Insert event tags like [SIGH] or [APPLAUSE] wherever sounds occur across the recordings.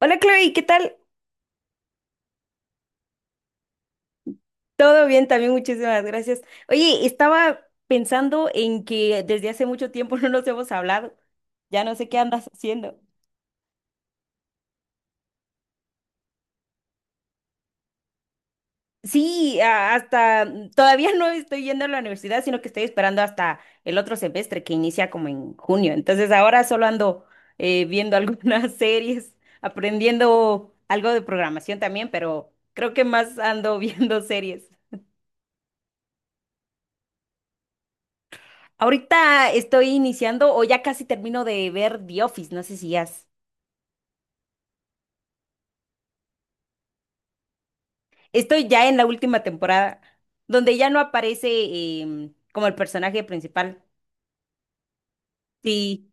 Hola Chloe, ¿qué tal? Todo bien también, muchísimas gracias. Oye, estaba pensando en que desde hace mucho tiempo [LAUGHS] no nos hemos hablado. Ya no sé qué andas haciendo. Sí, todavía no estoy yendo a la universidad, sino que estoy esperando hasta el otro semestre que inicia como en junio. Entonces ahora solo ando viendo [LAUGHS] algunas series, aprendiendo algo de programación también, pero creo que más ando [LAUGHS] viendo series. Ahorita estoy iniciando o ya casi termino de ver The Office, no sé si has. Estoy ya en la última temporada, donde ya no aparece como el personaje principal. Sí,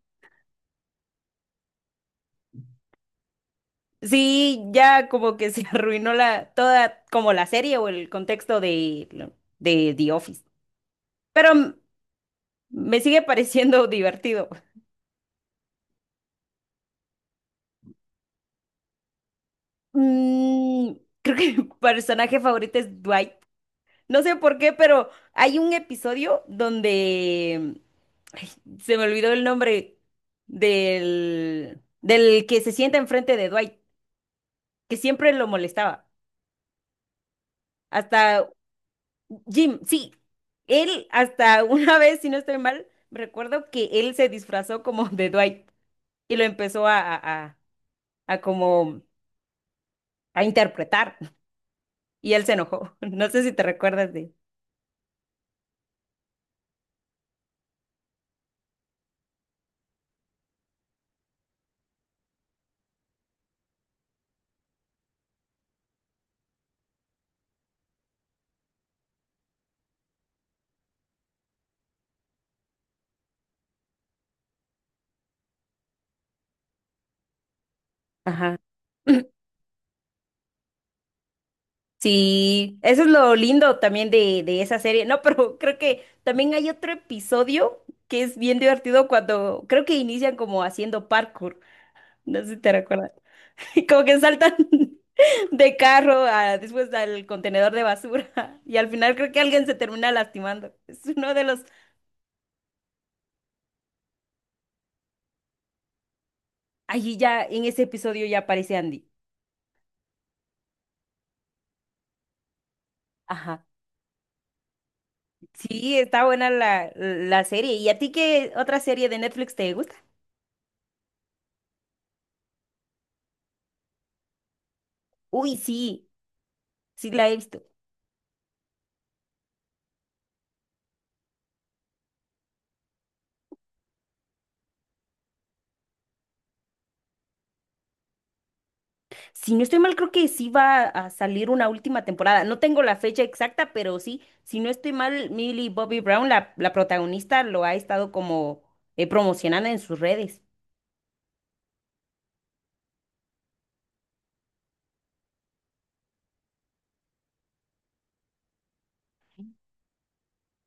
sí, ya como que se [LAUGHS] arruinó la toda como la serie o el contexto de de The Office. Pero me sigue [LAUGHS] pareciendo divertido. Mm, creo que mi personaje favorito es Dwight. No sé por qué, pero hay un episodio donde ay, se me olvidó el nombre del que se sienta enfrente de Dwight, que siempre lo molestaba. Hasta Jim, sí. Él hasta una [LAUGHS] vez, si no estoy mal, recuerdo que él se disfrazó como de Dwight y lo empezó a como a interpretar y él se enojó. [LAUGHS] No sé si te recuerdas de. Ajá. [CLEARS THROAT] Sí, eso es lo lindo también de esa serie. No, pero [LAUGHS] creo que también hay otro episodio que es bien divertido cuando creo que inician como haciendo parkour. No sé si te recuerdas. [LAUGHS] Como que saltan [LAUGHS] de carro a, después al contenedor de basura. [LAUGHS] Y al final creo que alguien se termina lastimando. Es uno de los. Allí ya, en ese episodio ya aparece Andy. Ajá. Sí, está buena la, la serie. ¿Y a ti qué otra serie de Netflix te gusta? Uy, sí, sí la he visto. Si no estoy mal, creo que sí va a salir una última temporada. No tengo la fecha exacta, pero sí, si no estoy mal, Millie Bobby Brown, la protagonista, lo ha estado como promocionando en sus redes.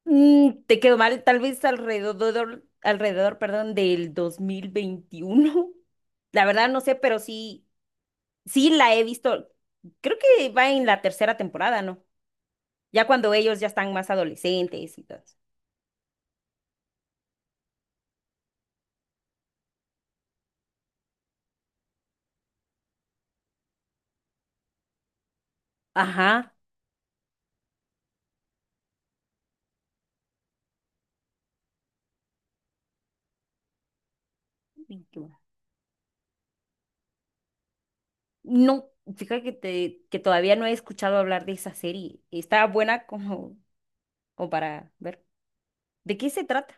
Mm, te quedó mal, tal vez alrededor, alrededor, perdón, del 2021. [LAUGHS] La verdad no sé, pero sí, sí la he visto. Creo que va en la tercera temporada, ¿no? Ya cuando ellos ya están más adolescentes y todo eso. Ajá. No, fíjate que, que todavía no he escuchado hablar de esa serie. Está buena como, como para ver. ¿De qué se trata?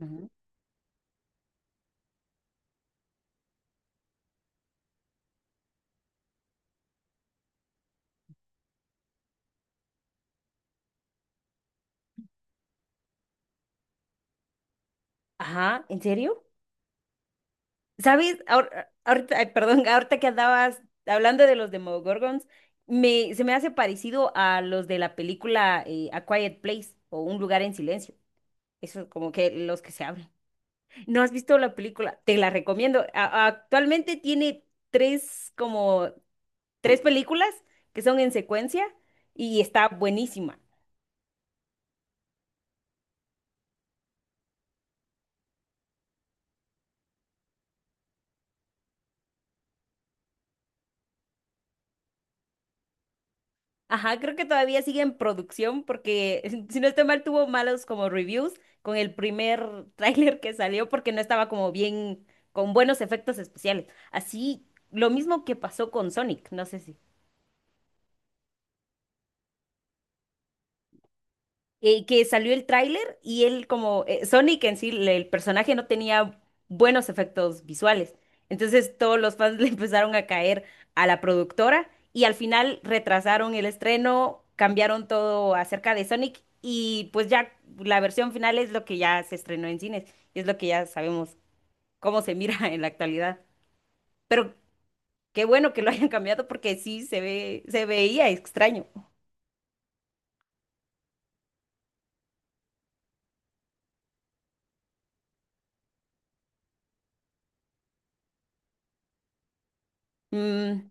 Ujú. Ajá, ¿en serio? ¿Sabes? Ahorita, ay, perdón, [LAUGHS] ahorita que andabas hablando de los Demogorgons, se me hace parecido a los de la película A Quiet Place o Un lugar en silencio. Eso como que los que se hablan. ¿No has visto la película? Te la recomiendo. Actualmente tiene tres como tres películas que son en secuencia y está buenísima. Ajá, creo que todavía sigue en producción porque, [LAUGHS] si no estoy mal, tuvo malos como reviews con el primer [LAUGHS] tráiler que salió porque no estaba como bien, con buenos efectos especiales. Así, lo mismo que pasó con Sonic, no sé si. Que salió el tráiler y él como Sonic en sí, el personaje no tenía buenos efectos visuales. Entonces todos los fans [LAUGHS] le empezaron a caer a la productora y al final retrasaron el estreno, cambiaron todo acerca de Sonic y pues ya la versión final es lo que ya se estrenó en cines y es lo que ya sabemos cómo se mira [LAUGHS] en la actualidad. Pero qué bueno que lo hayan cambiado porque sí se ve, se veía extraño. Mm.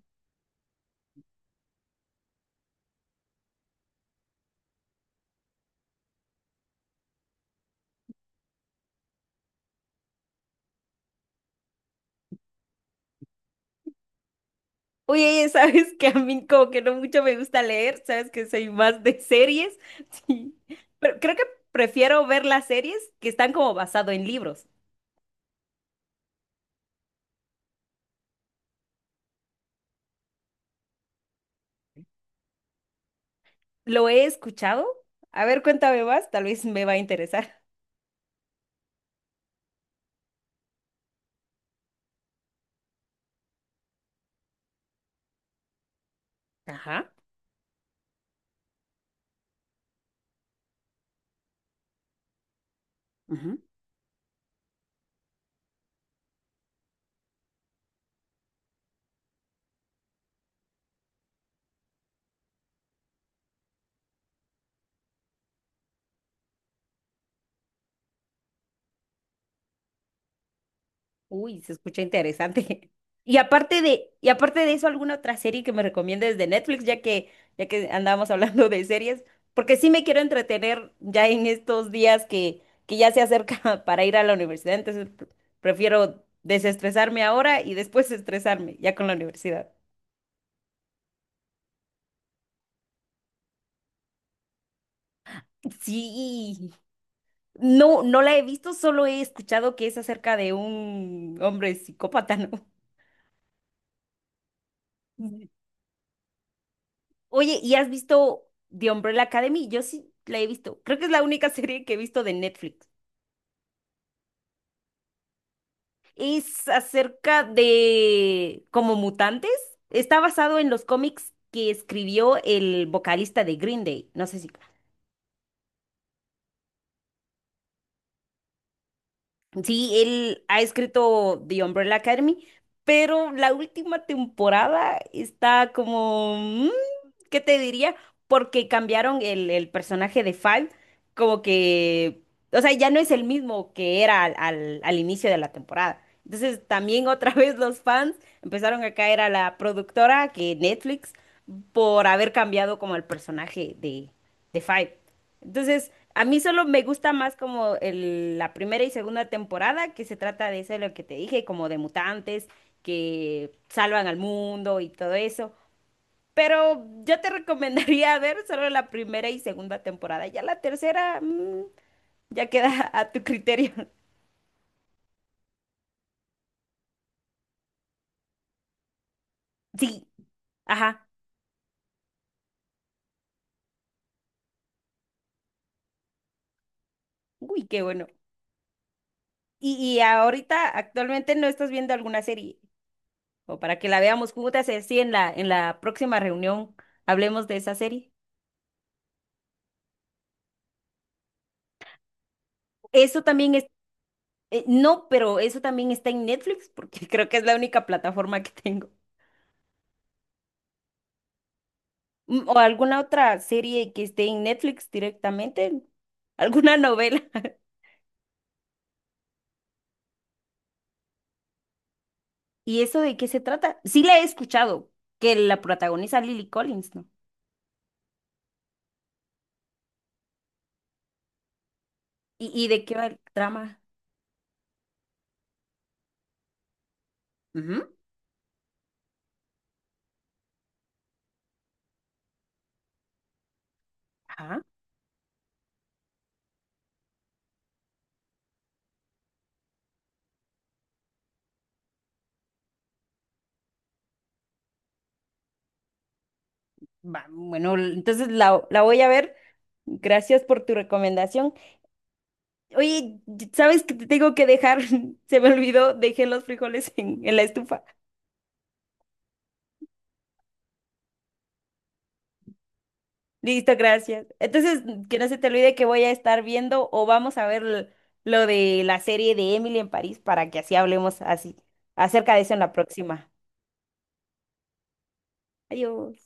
Oye, sabes que a mí como que no mucho me gusta leer, sabes que soy más de series, [LAUGHS] sí, pero creo que prefiero ver las series que están como basado en libros. ¿Lo he escuchado? A ver, cuéntame más, tal vez me va a interesar. Ajá. Uy, se escucha interesante. [LAUGHS] Y aparte de eso, ¿alguna otra serie que me recomiendes de Netflix, ya que andábamos [LAUGHS] hablando de series? Porque sí me quiero entretener ya en estos días que ya se acerca [LAUGHS] para ir a la universidad, entonces prefiero desestresarme ahora y después [LAUGHS] estresarme ya con la universidad. Sí, no, no la he visto, solo he escuchado que es acerca de un hombre psicópata, ¿no? [LAUGHS] Oye, ¿y has visto The Umbrella Academy? Yo sí la he visto. Creo que es la única [LAUGHS] serie que he visto de Netflix. Es acerca de como mutantes. Está basado en los cómics que escribió el vocalista de Green Day. No sé si... Sí, él ha escrito The Umbrella Academy, pero la última temporada está como... mm, ¿qué te diría? Porque cambiaron el personaje de Five, como que o sea, ya no es el mismo que era al inicio de la temporada. Entonces, también otra [LAUGHS] vez los fans empezaron a caer a la productora, que Netflix, por haber cambiado como el personaje de Five. Entonces, a mí solo me gusta más como la primera y segunda temporada, que se trata de eso, lo que te dije, como de mutantes que salvan al mundo y todo eso. Pero yo te recomendaría [LAUGHS] ver solo la primera y segunda temporada. Ya la tercera. Ya queda [LAUGHS] a tu criterio. [LAUGHS] Sí, ajá. Uy, qué bueno. Y ahorita, actualmente no estás viendo alguna serie. O para que la veamos juntas, sí, en la próxima reunión hablemos de esa serie. Eso también es, no, pero eso también está en Netflix, porque [LAUGHS] creo que es la única plataforma que tengo. O alguna otra serie que esté en Netflix directamente, alguna novela. [LAUGHS] ¿Y eso de qué se trata? Sí la he escuchado, que la protagoniza Lily Collins, ¿no? Y de qué va el trama? Ajá. Va, bueno, entonces la voy a ver. Gracias por tu recomendación. Oye, ¿sabes que te tengo que dejar? [LAUGHS] Se me olvidó, dejé los frijoles [LAUGHS] en la estufa. Listo, gracias. Entonces, que no se te olvide que voy a estar viendo o vamos a ver lo de la serie de Emily en París para que así hablemos así acerca de eso en la próxima. Adiós.